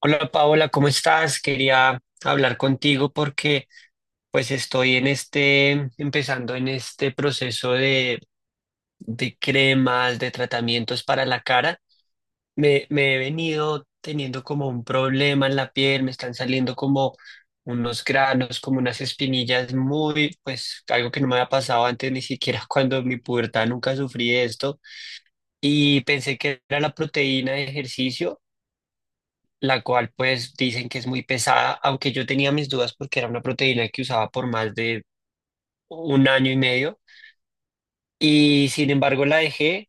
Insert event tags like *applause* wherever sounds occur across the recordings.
Hola Paola, ¿cómo estás? Quería hablar contigo porque pues estoy empezando en este proceso de cremas, de tratamientos para la cara. Me he venido teniendo como un problema en la piel, me están saliendo como unos granos, como unas espinillas pues algo que no me había pasado antes, ni siquiera *laughs* cuando en mi pubertad nunca sufrí esto. Y pensé que era la proteína de ejercicio, la cual pues dicen que es muy pesada, aunque yo tenía mis dudas porque era una proteína que usaba por más de un año y medio, y sin embargo la dejé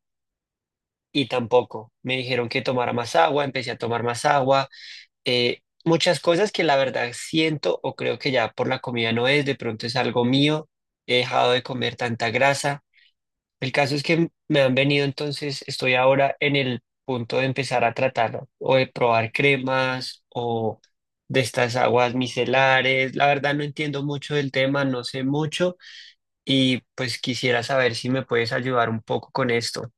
y tampoco. Me dijeron que tomara más agua, empecé a tomar más agua, eh, muchas cosas que la verdad siento o creo que ya por la comida no es, de pronto es algo mío, he dejado de comer tanta grasa. El caso es que me han venido, entonces estoy ahora en el punto de empezar a tratarlo o de probar cremas o de estas aguas micelares. La verdad no entiendo mucho del tema, no sé mucho y pues quisiera saber si me puedes ayudar un poco con esto.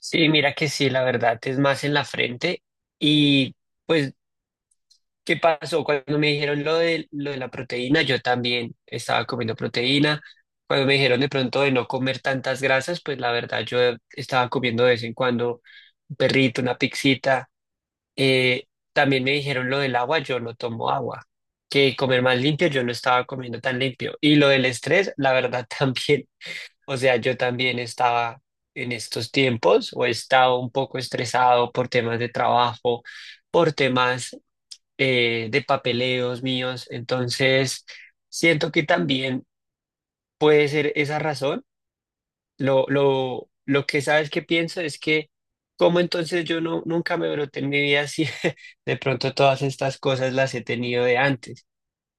Sí, mira que sí, la verdad es más en la frente y pues, ¿qué pasó? Cuando me dijeron lo de, la proteína, yo también estaba comiendo proteína. Cuando me dijeron de pronto de no comer tantas grasas, pues la verdad yo estaba comiendo de vez en cuando un perrito, una pixita. Eh, También me dijeron lo del agua, yo no tomo agua. Que comer más limpio, yo no estaba comiendo tan limpio. Y lo del estrés, la verdad *laughs* también. O sea, yo también estaba en estos tiempos, o he estado un poco estresado por temas de trabajo, por temas de papeleos míos. Entonces, siento que también puede ser esa razón. Lo que sabes que pienso es que, como entonces yo no, nunca me broté en mi vida, si *laughs* de pronto todas estas cosas las he tenido de antes.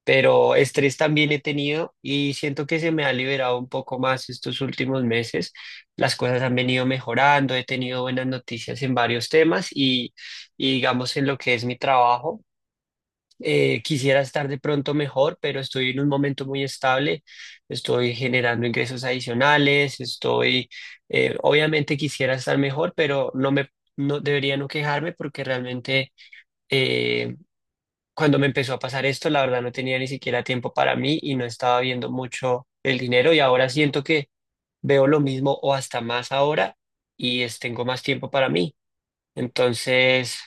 Pero estrés también he tenido y siento que se me ha liberado un poco más estos últimos meses. Las cosas han venido mejorando, he tenido buenas noticias en varios temas y digamos en lo que es mi trabajo. Quisiera estar de pronto mejor, pero estoy en un momento muy estable, estoy generando ingresos adicionales, obviamente quisiera estar mejor, pero no me, no debería no quejarme porque realmente, eh, cuando me empezó a pasar esto, la verdad no tenía ni siquiera tiempo para mí y no estaba viendo mucho el dinero, y ahora siento que veo lo mismo o hasta más ahora y tengo más tiempo para mí. Entonces,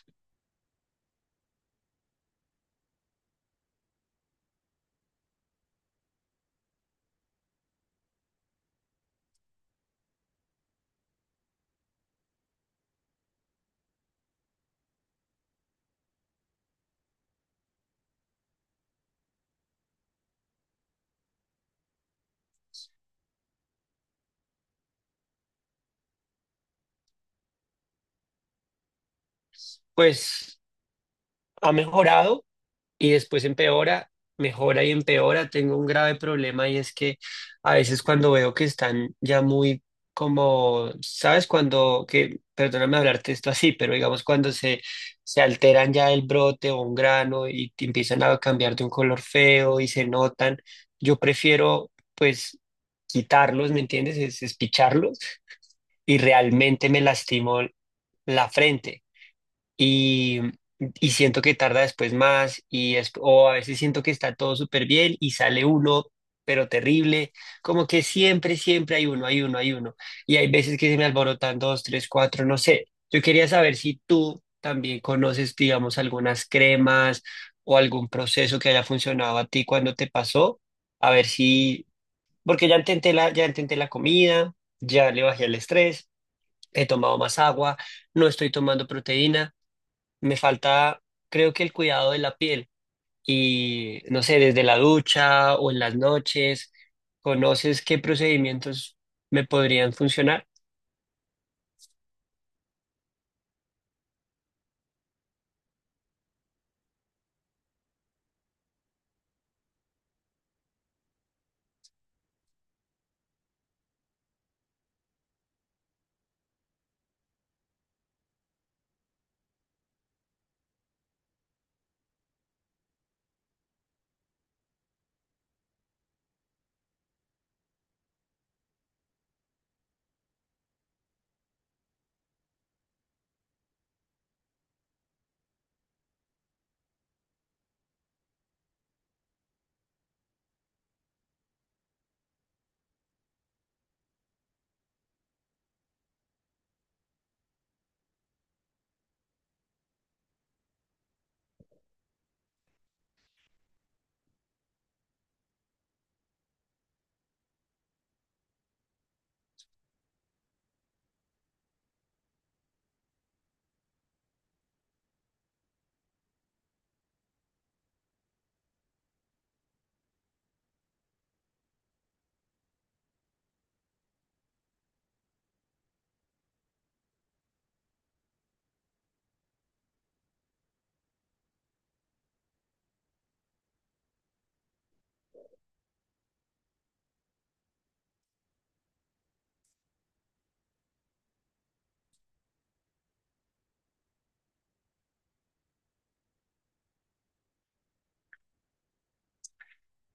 pues ha mejorado y después empeora, mejora y empeora. Tengo un grave problema y es que a veces cuando veo que están ya muy como, ¿sabes? Perdóname hablarte esto así, pero digamos cuando se alteran ya el brote o un grano y te empiezan a cambiar de un color feo y se notan, yo prefiero pues quitarlos, ¿me entiendes? Es picharlos, y realmente me lastimó la frente y, y siento que tarda después más y es, o a veces siento que está todo súper bien y sale uno, pero terrible, como que siempre, siempre hay uno, hay uno, hay uno. Y hay veces que se me alborotan dos, tres, cuatro, no sé. Yo quería saber si tú también conoces, digamos, algunas cremas o algún proceso que haya funcionado a ti cuando te pasó, a ver si, porque ya intenté la comida, ya le bajé el estrés, he tomado más agua, no estoy tomando proteína, me falta, creo que el cuidado de la piel y no sé, desde la ducha o en las noches, ¿conoces qué procedimientos me podrían funcionar?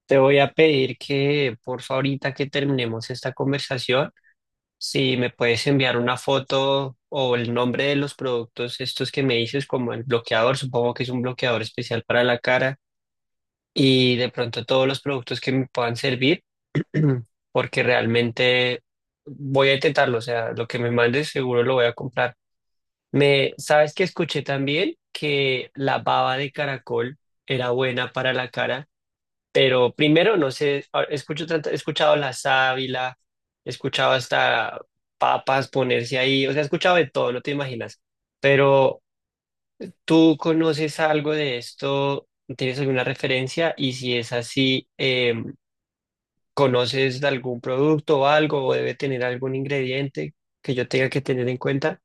Te voy a pedir que, por favor, ahorita que terminemos esta conversación, si me puedes enviar una foto o el nombre de los productos estos que me dices, como el bloqueador, supongo que es un bloqueador especial para la cara, y de pronto todos los productos que me puedan servir, *clears throat* porque realmente voy a intentarlo, o sea, lo que me mandes seguro lo voy a comprar. ¿Sabes que escuché también? Que la baba de caracol era buena para la cara, pero primero no sé, he escuchado la sábila, he escuchado hasta papas ponerse ahí, o sea, he escuchado de todo, no te imaginas, pero ¿tú conoces algo de esto? ¿Tienes alguna referencia? Y si es así, em, ¿conoces de algún producto o algo, o debe tener algún ingrediente que yo tenga que tener en cuenta?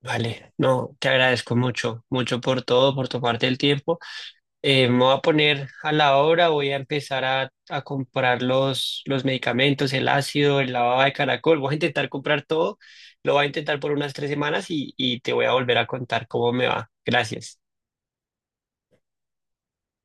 Vale, no, te agradezco mucho, mucho por todo, por tomarte el tiempo. Me voy a poner a la obra, voy a empezar a comprar los medicamentos, el ácido, el lavado de caracol, voy a intentar comprar todo, lo voy a intentar por unas 3 semanas y te voy a volver a contar cómo me va. Gracias.